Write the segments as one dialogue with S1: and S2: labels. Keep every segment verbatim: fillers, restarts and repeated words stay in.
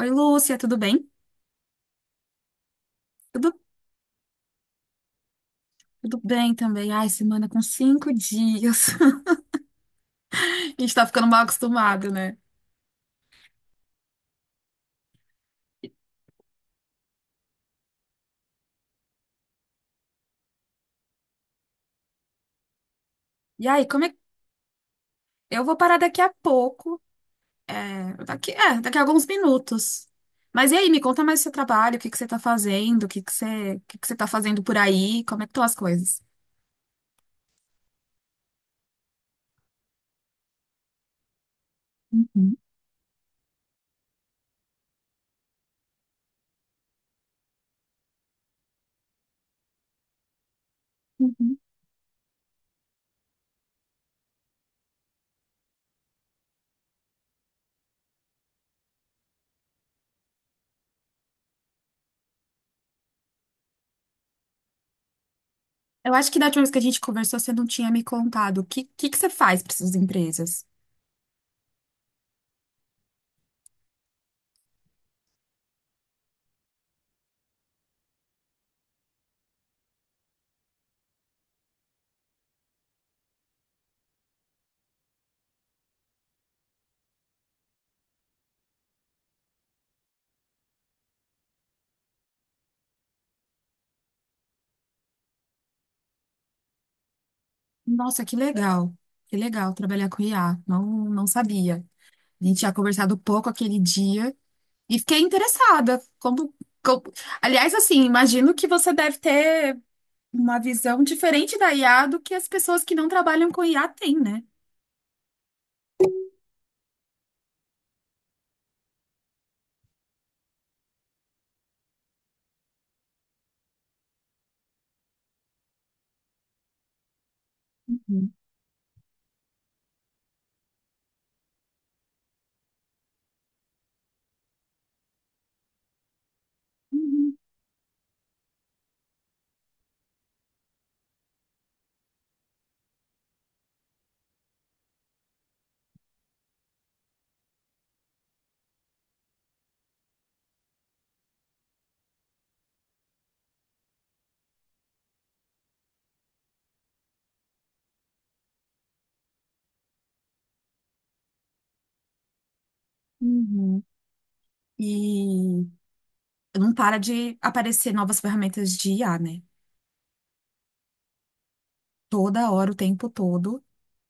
S1: Oi, Lúcia, tudo bem? Tudo, tudo bem também. Ai, semana com cinco dias. A gente tá ficando mal acostumado, né? E aí, como é... Eu vou parar daqui a pouco. É, daqui, é, daqui a alguns minutos. Mas e aí, me conta mais do seu trabalho, o que que você tá fazendo, o que que você, o que que você tá fazendo por aí, como é que estão as coisas? Uhum, uhum. Eu acho que da última vez que a gente conversou, você não tinha me contado. O que, que que você faz para essas empresas? Nossa, que legal. Que legal trabalhar com I A. Não, não sabia. A gente tinha conversado pouco aquele dia e fiquei interessada. Como, como- Aliás, assim, imagino que você deve ter uma visão diferente da I A do que as pessoas que não trabalham com I A têm, né? Uhum, uhum. E não para de aparecer novas ferramentas de I A, né? Toda hora, o tempo todo,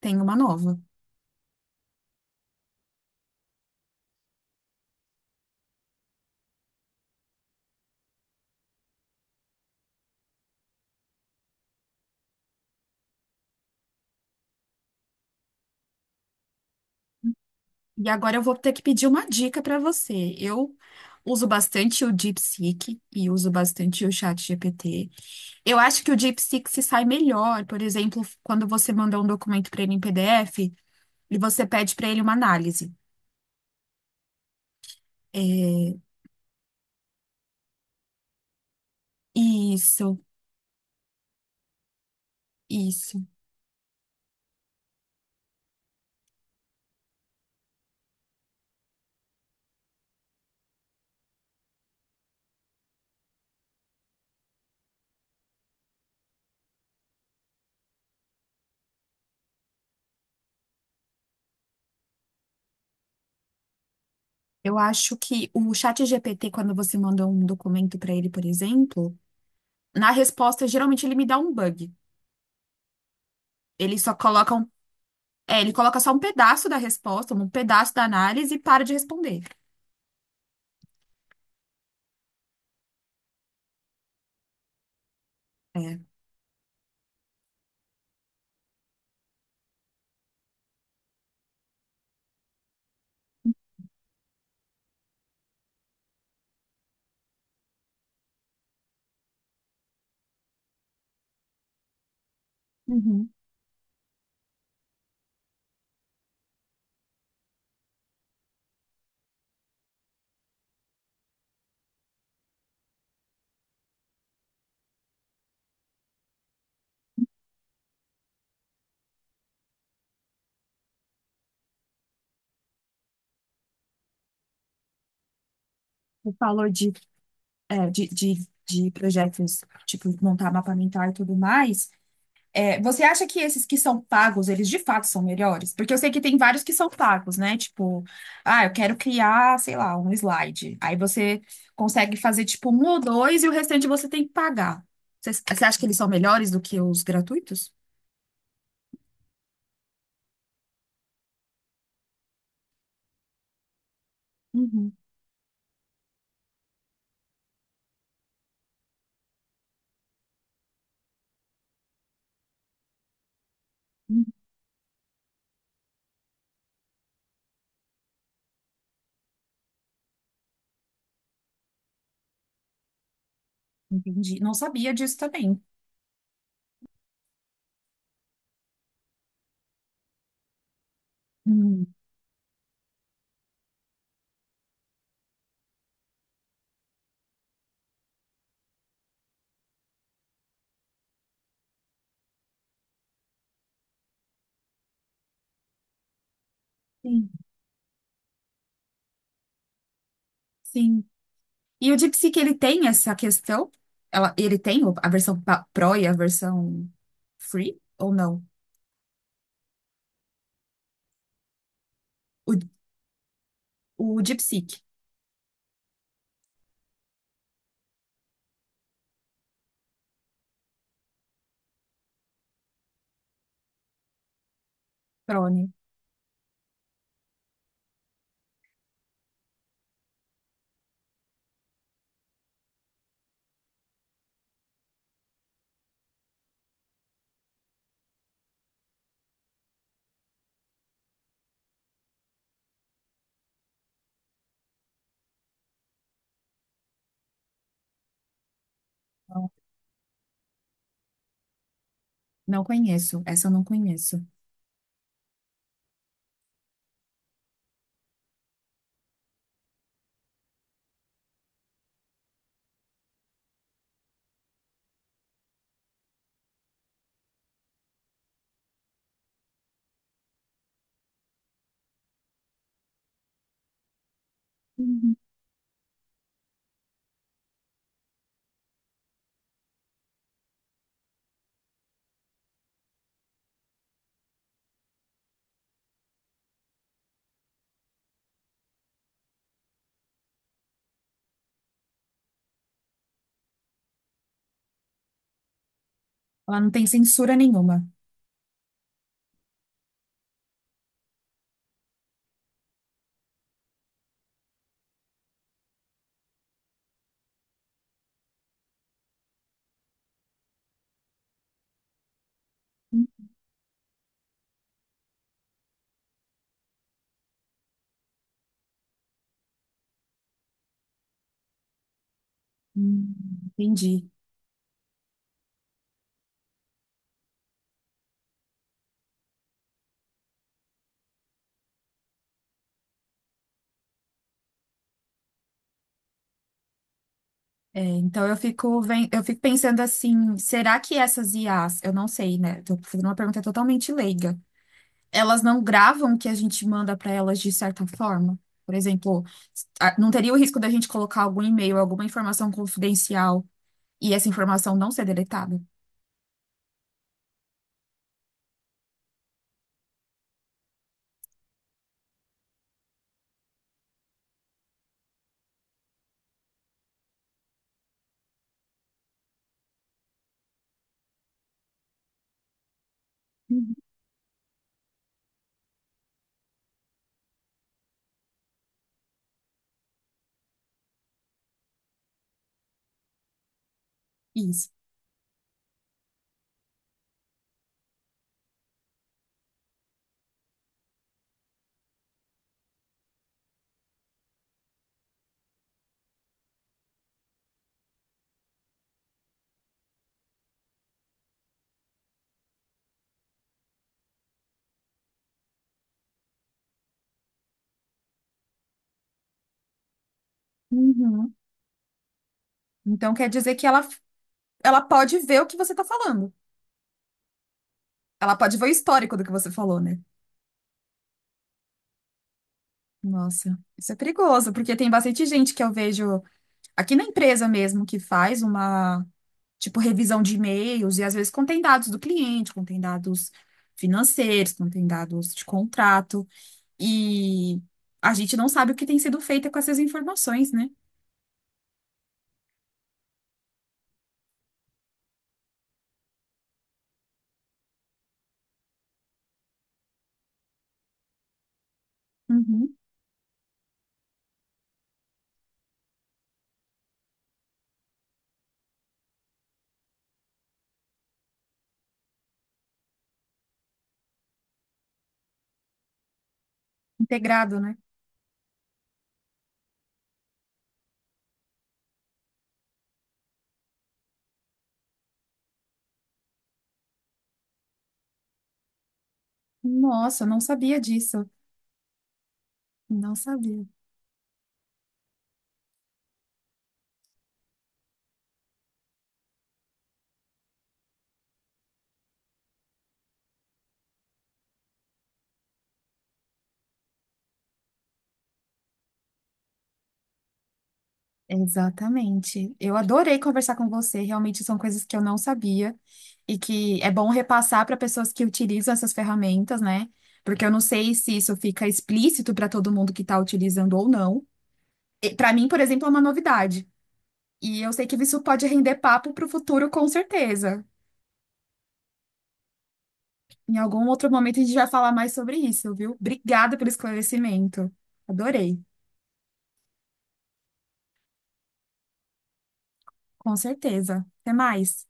S1: tem uma nova. E agora eu vou ter que pedir uma dica para você. Eu uso bastante o DeepSeek e uso bastante o ChatGPT. Eu acho que o DeepSeek se sai melhor, por exemplo, quando você manda um documento para ele em P D F e você pede para ele uma análise. É, isso, isso. Eu acho que o chat ChatGPT, quando você manda um documento para ele, por exemplo, na resposta, geralmente ele me dá um bug. Ele só coloca um, é, ele coloca só um pedaço da resposta, um pedaço da análise e para de responder. É. Uhum. Você falou de, é, de, de, de projetos, tipo, montar mapa mental e tudo mais. É, você acha que esses que são pagos, eles de fato são melhores? Porque eu sei que tem vários que são pagos, né? Tipo, ah, eu quero criar, sei lá, um slide. Aí você consegue fazer tipo um ou dois e o restante você tem que pagar. Você, você acha que eles são melhores do que os gratuitos? Uhum, uhum, entendi. Não sabia disso também. Hum, sim, sim. E o DeepSeek, ele tem essa questão? Ela, ele tem o- a versão pa- Pro e a versão Free ou não? O, o DeepSeek Pro, né? Não conheço. Essa eu não conheço. Uhum. Ela não tem censura nenhuma. Hum. Entendi. É, então eu fico, ven- eu fico pensando assim, será que essas I as, eu não sei, né? Tô fazendo uma pergunta totalmente leiga. Elas não gravam o que a gente manda para elas de certa forma? Por exemplo, a- não teria o risco da gente colocar algum e-mail, alguma informação confidencial e essa informação não ser deletada? Uhum. Isso. Uhum. Então quer dizer que ela, ela pode ver o que você está falando. Ela pode ver o histórico do que você falou, né? Nossa, isso é perigoso, porque tem bastante gente que eu vejo aqui na empresa mesmo que faz uma, tipo, revisão de e-mails e às vezes contém dados do cliente, contém dados financeiros, contém dados de contrato e a gente não sabe o que tem sido feito com essas informações, né? Uhum. Integrado, né? Nossa, eu não sabia disso. Não sabia. Exatamente. Eu adorei conversar com você. Realmente são coisas que eu não sabia e que é bom repassar para pessoas que utilizam essas ferramentas, né? Porque eu não sei se isso fica explícito para todo mundo que está utilizando ou não. Para mim, por exemplo, é uma novidade. E eu sei que isso pode render papo para o futuro, com certeza. Em algum outro momento a gente vai falar mais sobre isso, viu? Obrigada pelo esclarecimento. Adorei. Com certeza. Até mais.